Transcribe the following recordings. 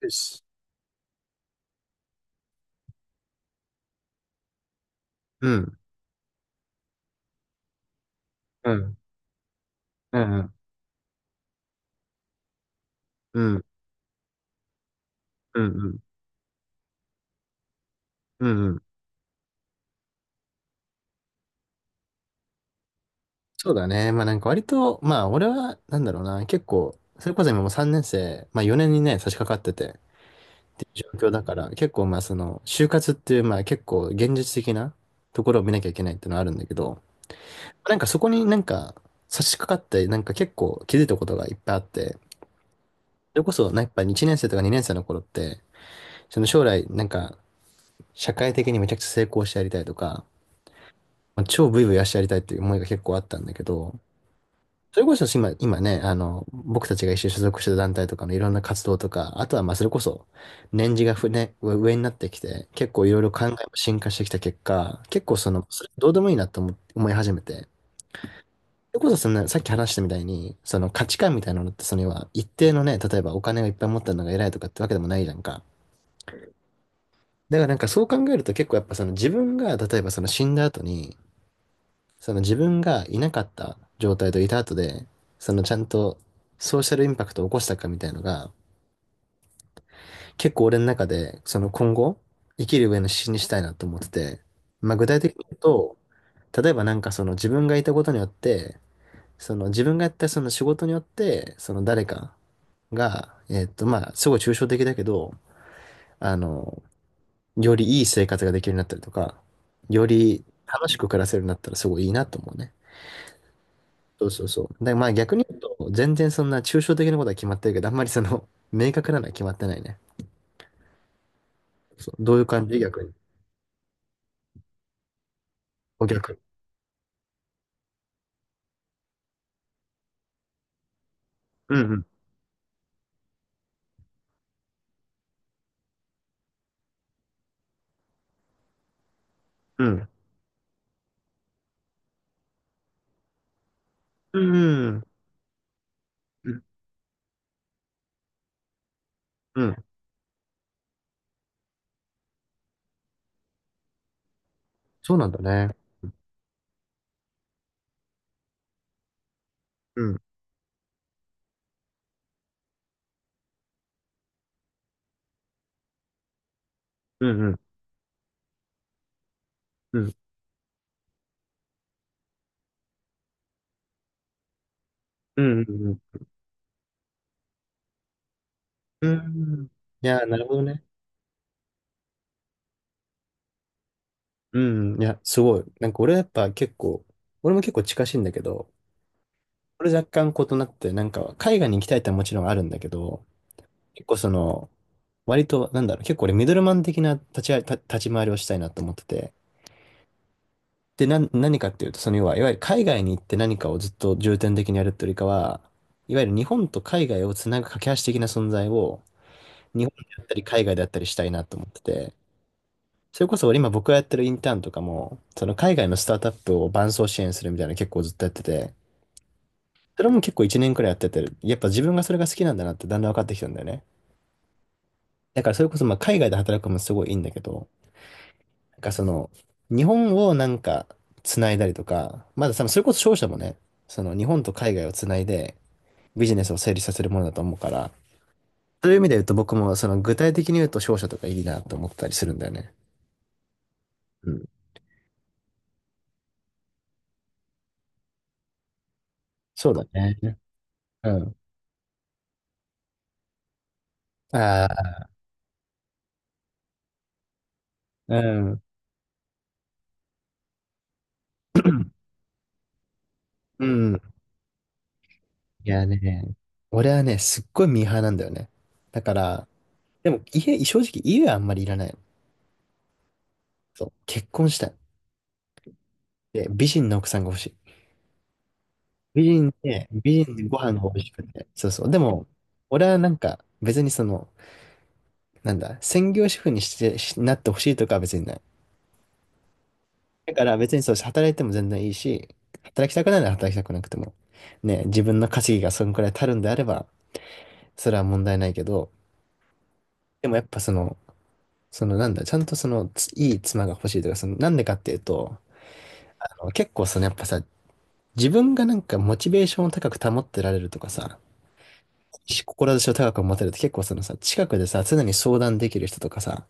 よし。うん、うん、うん、うん、うん、うん、うん。うん、そうだね。まあなんか割と、まあ俺は、なんだろうな、結構、それこそ今もう3年生、まあ4年にね、差し掛かってて、っていう状況だから、結構まあその、就活っていう、まあ結構現実的なところを見なきゃいけないっていうのはあるんだけど、なんかそこになんか差し掛かって、なんか結構気づいたことがいっぱいあって、それこそ、やっぱ1年生とか2年生の頃って、その将来、なんか、社会的にめちゃくちゃ成功してやりたいとか、まあ超ブイブイ足やりたいっていう思いが結構あったんだけど、それこそ今、今ね、僕たちが一緒に所属してた団体とかのいろんな活動とか、あとはまあそれこそ、年次が上になってきて、結構いろいろ考えも進化してきた結果、結構その、それどうでもいいなと思い始めて、それこそそのさっき話したみたいに、その価値観みたいなのって、その要は一定のね、例えばお金がいっぱい持ったのが偉いとかってわけでもないじゃんか。だからなんかそう考えると結構やっぱその自分が例えばその死んだ後にその自分がいなかった状態といた後で、そのちゃんとソーシャルインパクトを起こしたかみたいのが、結構俺の中で、その今後、生きる上の指針にしたいなと思ってて、まあ具体的に言うと、例えばなんかその自分がいたことによって、その自分がやったその仕事によって、その誰かが、まあすごい抽象的だけど、あの、よりいい生活ができるようになったりとか、より楽しく暮らせるようになったらすごいいいなと思うね。そうそうそう。で、まあ逆に言うと、全然そんな抽象的なことは決まってるけど、あんまりその、明確なのは決まってないね。そう、どういう感じ逆に。お逆に。うん、うん。うん。うん。うん。うん、そうなんだね。うん。うん、うん。うん。うん、うん、うん。うん、いや、なるほどね。うん。いや、すごい。なんか俺やっぱ結構、俺も結構近しいんだけど、俺若干異なって、なんか海外に行きたいってのはもちろんあるんだけど、結構その、割と、なんだろう、結構俺ミドルマン的な立ち回りをしたいなと思ってて。で、何かっていうと、その要は、いわゆる海外に行って何かをずっと重点的にやるってよりかは、いわゆる日本と海外をつなぐ架け橋的な存在を、日本であったり海外であったりしたいなと思ってて。それこそ俺今僕がやってるインターンとかも、その海外のスタートアップを伴走支援するみたいなの結構ずっとやってて、それも結構1年くらいやってて、やっぱ自分がそれが好きなんだなってだんだん分かってきたんだよね。だからそれこそまあ海外で働くのもすごいいいんだけど、なんかその、日本をなんか繋いだりとか、まだ多分それこそ商社もね、その日本と海外を繋いでビジネスを成立させるものだと思うから、そういう意味で言うと僕もその具体的に言うと商社とかいいなと思ったりするんだよね。うん。そうだね。うん。ああ、うん。うん。いやね、俺はね、すっごいミーハーなんだよね。だから、でも家、正直家はあんまりいらないの。そう。結婚したい。で、美人の奥さんが欲しい。美人で、美人でご飯が美味しくて。そうそう。でも、俺はなんか、別にその、なんだ、専業主婦にして、しなってほしいとかは別にない。だから別にそう、働いても全然いいし、働きたくないなら働きたくなくても。ね、自分の稼ぎがそのくらい足るんであれば、それは問題ないけど、でもやっぱその、そのなんだ、ちゃんとその、ついい妻が欲しいとか、その、なんでかっていうと、結構そのやっぱさ、自分がなんかモチベーションを高く保ってられるとかさ、志を高く持てるって結構そのさ、近くでさ、常に相談できる人とかさ、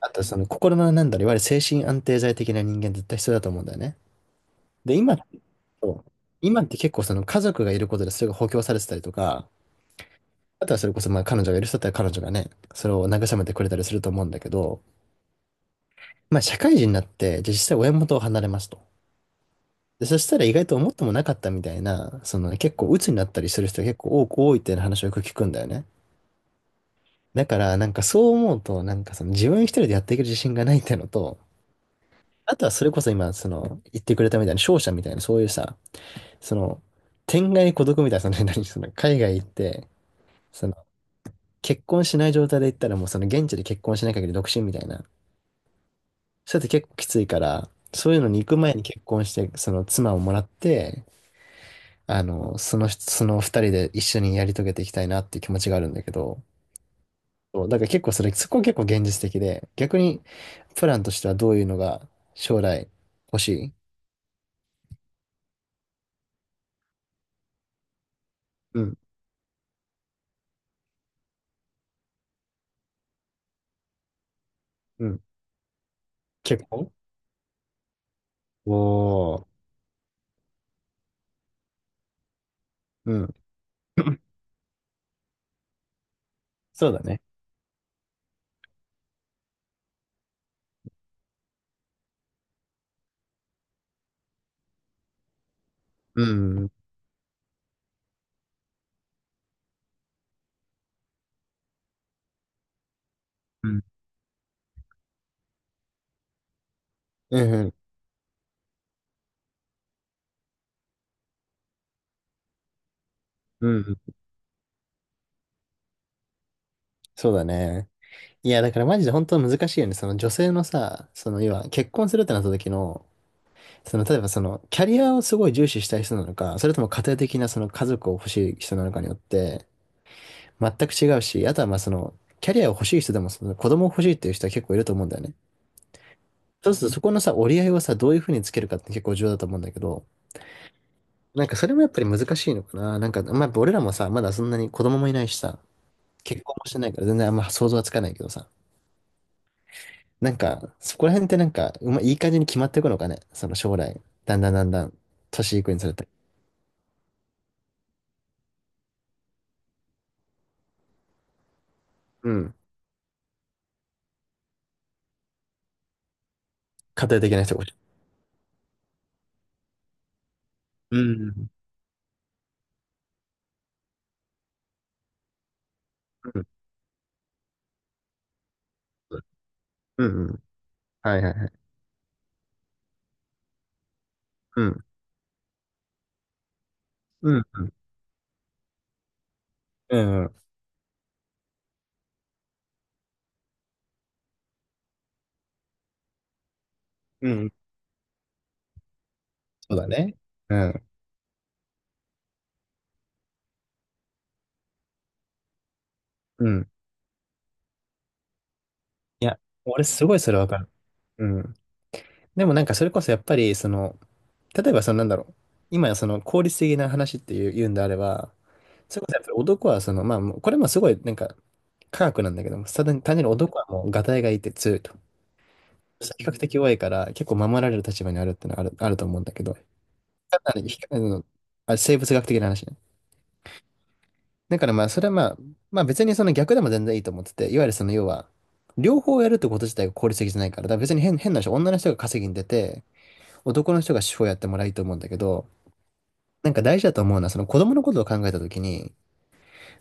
あとその心のなんだろう、いわゆる精神安定剤的な人間絶対必要だと思うんだよね。で、今って、今って結構その家族がいることでそれが補強されてたりとか、あとはそれこそまあ彼女がいる人だったら彼女がね、それを慰めてくれたりすると思うんだけど、まあ社会人になって、じゃあ実際親元を離れますと。で、そしたら意外と思ってもなかったみたいな、その結構鬱になったりする人が結構多いっていう話をよく聞くんだよね。だから、なんかそう思うと、なんかその自分一人でやっていける自信がないってのと、あとはそれこそ今、その、言ってくれたみたいな、商社みたいな、そういうさ、その、天涯孤独みたいな、その、何、その、海外行って、その、結婚しない状態で行ったらもうその、現地で結婚しない限り独身みたいな。そうやって結構きついから、そういうのに行く前に結婚して、その、妻をもらって、その、その二人で一緒にやり遂げていきたいなっていう気持ちがあるんだけど、そうだから結構そこは結構現実的で、逆にプランとしてはどういうのが将来欲しい。うん、うん。結婚。おおー、うん。そうだね。うん、うん、うん、うん、うん。そうだね。いや、だからマジで本当難しいよね。その女性のさ、その要は結婚するってなった時の、その例えばそのキャリアをすごい重視したい人なのか、それとも家庭的なその家族を欲しい人なのかによって全く違うし、あとはまあそのキャリアを欲しい人でもその子供を欲しいっていう人は結構いると思うんだよね。そうするとそこのさ、折り合いをさ、どういうふうにつけるかって結構重要だと思うんだけど、なんかそれもやっぱり難しいのかな。なんか、まあ、やっぱ俺らもさ、まだそんなに子供もいないしさ、結婚もしてないから全然あんま想像はつかないけどさ、なんか、そこら辺ってなんか、うまいい感じに決まっていくのかね。その将来、だんだんだんだん、年いくにつれて。うん。家庭的な人が。うん。うん。うん。うん、はいはいはい。うん。うん。うん。うん、うん、そうだね。うん。うん。いや、俺すごいそれわかる。うん。でもなんかそれこそやっぱり、その、例えば、そのなんだろう。今、その効率的な話っていう、言うんであれば、それこそやっぱり男は、その、まあ、もうこれもすごい、なんか、科学なんだけども、単純に男はもう、ガタイがいいって強いと。比較的弱いから、結構守られる立場にあるってのはあると思うんだけど、かなり比較あ生物学的な話ね。だからまあ、それはまあ、まあ別にその逆でも全然いいと思ってて、いわゆるその要は、両方やるってこと自体が効率的じゃないから、だから別に変な人、女の人が稼ぎに出て、男の人が手法やってもらいいと思うんだけど、なんか大事だと思うのは、その子供のことを考えたときに、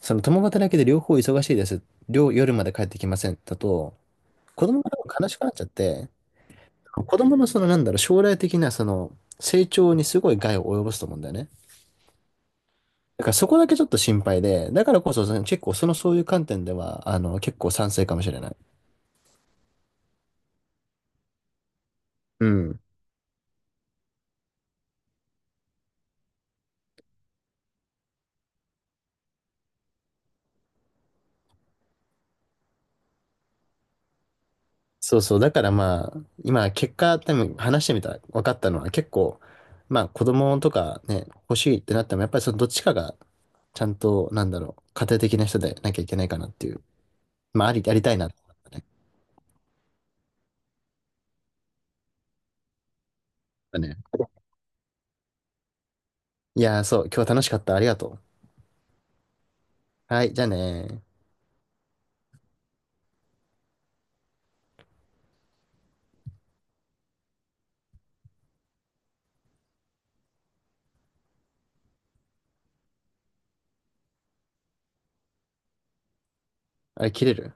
その共働きで両方忙しいです。夜まで帰ってきませんだと、子供が多分悲しくなっちゃって、子供のそのなんだろう、将来的なその成長にすごい害を及ぼすと思うんだよね。だからそこだけちょっと心配で、だからこそその結構そのそういう観点では、結構賛成かもしれない。うん。そうそう。だからまあ、今、結果、多分話してみたら分かったのは結構、まあ子供とかね、欲しいってなっても、やっぱりそのどっちかが、ちゃんと、なんだろう、家庭的な人でなきゃいけないかなっていう。まあ、ありたいなって思ったね。だね。いやー、そう、今日は楽しかった。ありがとう。はい、じゃあねー。あれ、切れる